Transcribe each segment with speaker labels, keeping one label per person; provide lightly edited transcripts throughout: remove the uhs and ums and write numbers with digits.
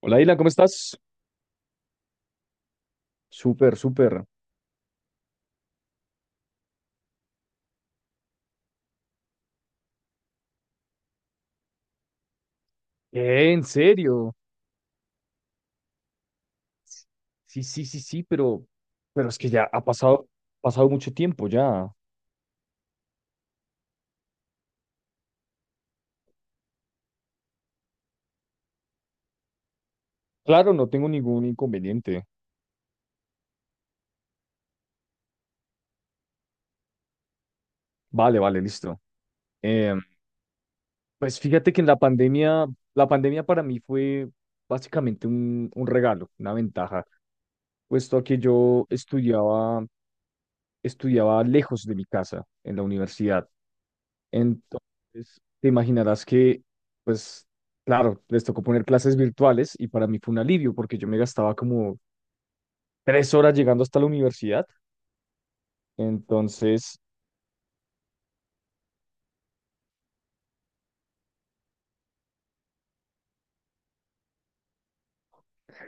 Speaker 1: Hola, Ila, ¿cómo estás? Súper, súper. ¿En serio? Sí, sí, sí, sí, pero es que ya ha pasado, pasado mucho tiempo ya. Claro, no tengo ningún inconveniente. Vale, vale, listo. Em, pues fíjate que en la pandemia para mí fue básicamente un regalo, una ventaja, puesto a que yo estudiaba, estudiaba lejos de mi casa, en la universidad. Entonces, te imaginarás que, pues, claro, les tocó poner clases virtuales y para mí fue un alivio porque yo me gastaba como 3 horas llegando hasta la universidad. Entonces,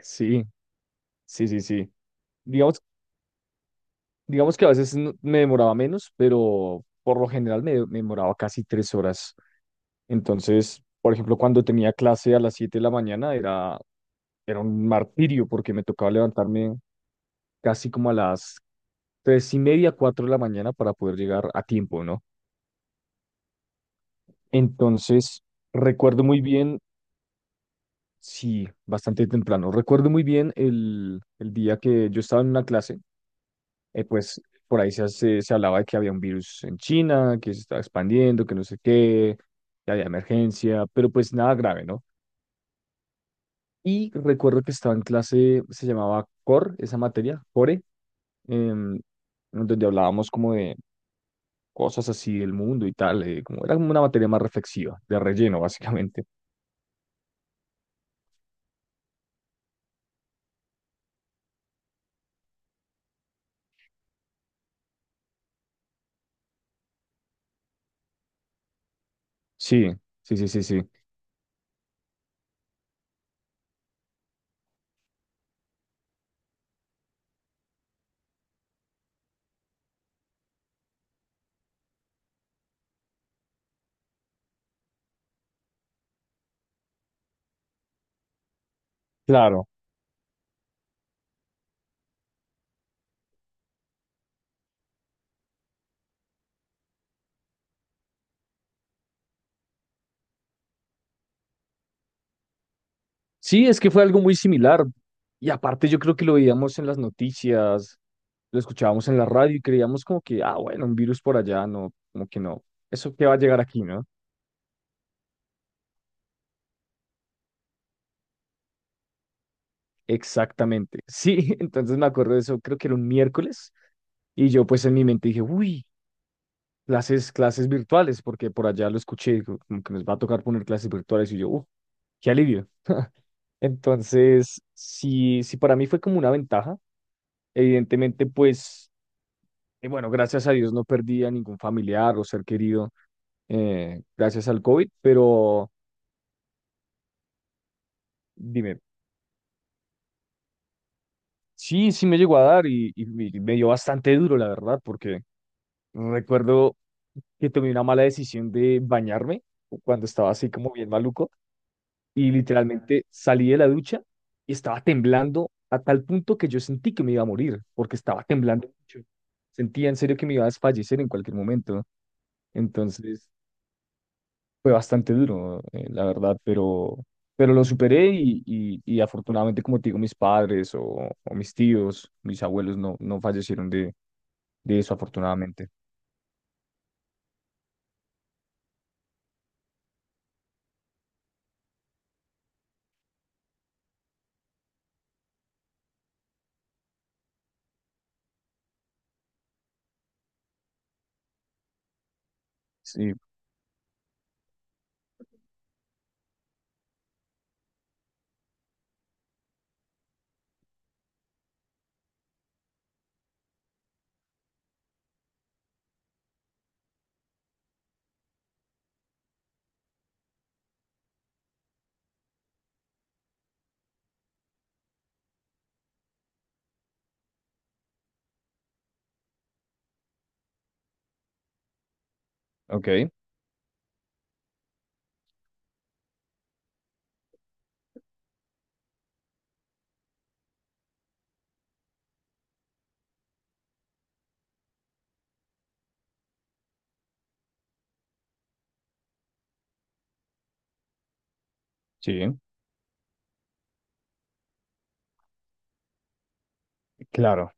Speaker 1: sí, sí, sí, sí. Digamos, digamos que a veces me demoraba menos, pero por lo general me demoraba casi 3 horas. Entonces, por ejemplo, cuando tenía clase a las 7 de la mañana era, era un martirio porque me tocaba levantarme casi como a las 3:30, 4 de la mañana para poder llegar a tiempo, ¿no? Entonces, recuerdo muy bien, sí, bastante temprano, recuerdo muy bien el día que yo estaba en una clase, pues por ahí se hablaba de que había un virus en China, que se estaba expandiendo, que no sé qué, que había emergencia, pero pues nada grave, ¿no? Y recuerdo que estaba en clase, se llamaba Core, esa materia, Core, em, donde hablábamos como de cosas así del mundo y tal, como era como una materia más reflexiva, de relleno, básicamente. Sí, sí, sí, sí, sí. Claro. Sí, es que fue algo muy similar. Y aparte yo creo que lo veíamos en las noticias, lo escuchábamos en la radio y creíamos como que, ah, bueno, un virus por allá, no, como que no. Eso que va a llegar aquí, ¿no? Exactamente. Sí, entonces me acuerdo de eso, creo que era un miércoles. Y yo pues en mi mente dije, uy, clases, clases virtuales, porque por allá lo escuché, digo, como que nos va a tocar poner clases virtuales. Y yo, qué alivio. Entonces, sí, sí, para mí fue como una ventaja. Evidentemente, pues... Y bueno, gracias a Dios no perdí a ningún familiar o ser querido gracias al COVID, pero dime, sí, sí me llegó a dar y me dio bastante duro, la verdad, porque recuerdo que tomé una mala decisión de bañarme cuando estaba así como bien maluco y literalmente salí de la ducha y estaba temblando a tal punto que yo sentí que me iba a morir porque estaba temblando mucho. Sentía en serio que me iba a desfallecer en cualquier momento. Entonces, fue bastante duro, la verdad, pero lo superé y afortunadamente, como te digo, mis padres o mis tíos, mis abuelos no, no fallecieron de eso, afortunadamente. Sí, ok, sí, claro.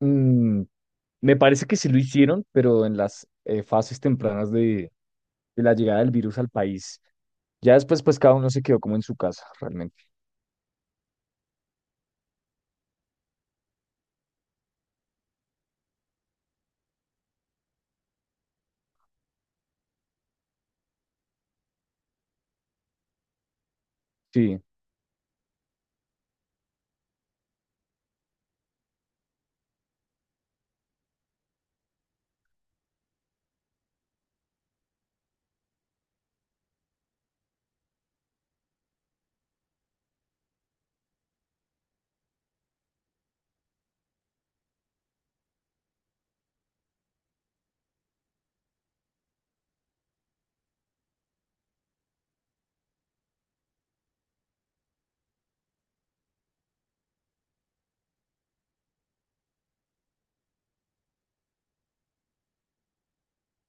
Speaker 1: Mm, me parece que sí lo hicieron, pero en las fases tempranas de la llegada del virus al país. Ya después, pues cada uno se quedó como en su casa, realmente. Sí,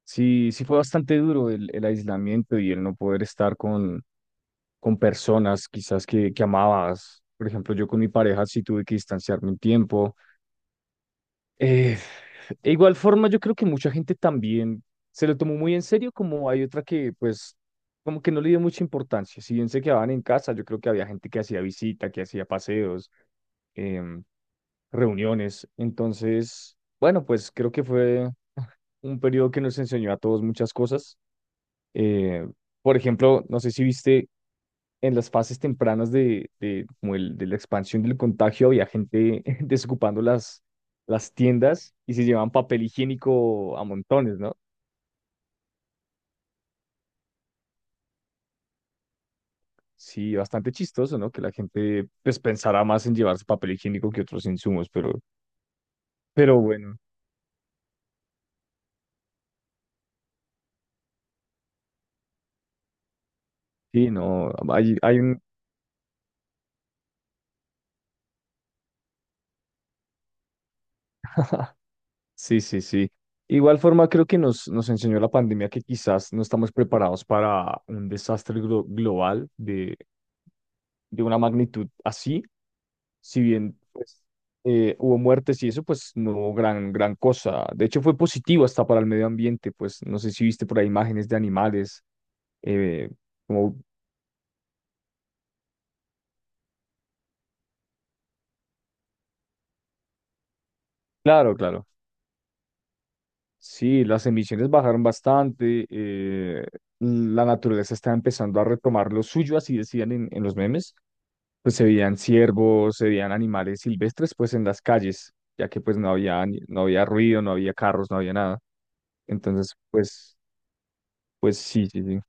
Speaker 1: sí, sí fue bastante duro el aislamiento y el no poder estar con personas quizás que amabas. Por ejemplo, yo con mi pareja sí tuve que distanciarme un tiempo. Eh, de igual forma, yo creo que mucha gente también se lo tomó muy en serio, como hay otra que pues como que no le dio mucha importancia. Si bien se quedaban en casa, yo creo que había gente que hacía visita, que hacía paseos, em, reuniones. Entonces, bueno, pues creo que fue un periodo que nos enseñó a todos muchas cosas. Eh, por ejemplo, no sé si viste en las fases tempranas de, de la expansión del contagio, había gente desocupando las tiendas y se llevaban papel higiénico a montones, ¿no? Sí, bastante chistoso, ¿no? Que la gente pues pensará más en llevarse papel higiénico que otros insumos, pero bueno, sí, no, hay un, sí, sí, sí. Igual forma creo que nos, nos enseñó la pandemia que quizás no estamos preparados para un desastre global de una magnitud así. Si bien pues, hubo muertes y eso, pues no hubo gran, gran cosa. De hecho, fue positivo hasta para el medio ambiente, pues no sé si viste por ahí imágenes de animales, eh, como, claro, claro. Sí, las emisiones bajaron bastante, la naturaleza está empezando a retomar lo suyo, así decían en los memes, pues se veían ciervos, se veían animales silvestres, pues en las calles, ya que pues no había, no había ruido, no había carros, no había nada. Entonces, pues, pues sí, sí, sí.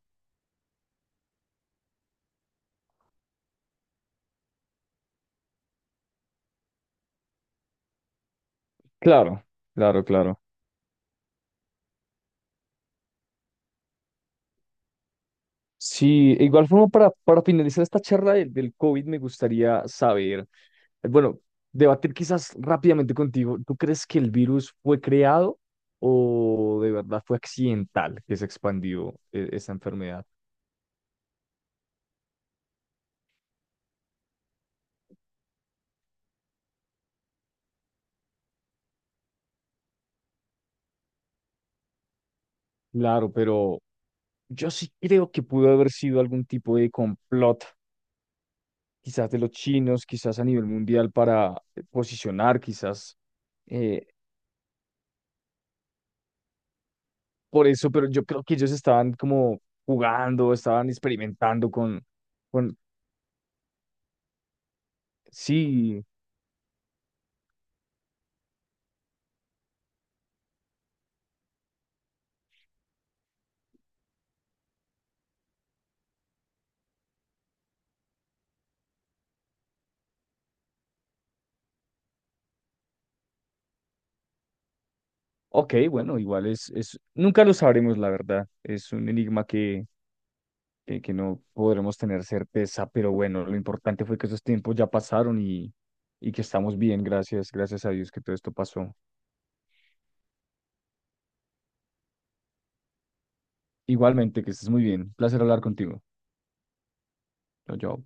Speaker 1: Claro, claro, claro. Sí, e igual forma para finalizar esta charla del, del COVID me gustaría saber, bueno, debatir quizás rápidamente contigo, ¿tú crees que el virus fue creado o de verdad fue accidental que se expandió esa enfermedad? Claro, pero yo sí creo que pudo haber sido algún tipo de complot, quizás de los chinos, quizás a nivel mundial para posicionar quizás eh, por eso, pero yo creo que ellos estaban como jugando, estaban experimentando con, sí, ok, bueno, igual es, nunca lo sabremos, la verdad, es un enigma que no podremos tener certeza, pero bueno, lo importante fue que esos tiempos ya pasaron y que estamos bien, gracias, gracias a Dios que todo esto pasó. Igualmente, que estés muy bien, placer hablar contigo. Chao, chao.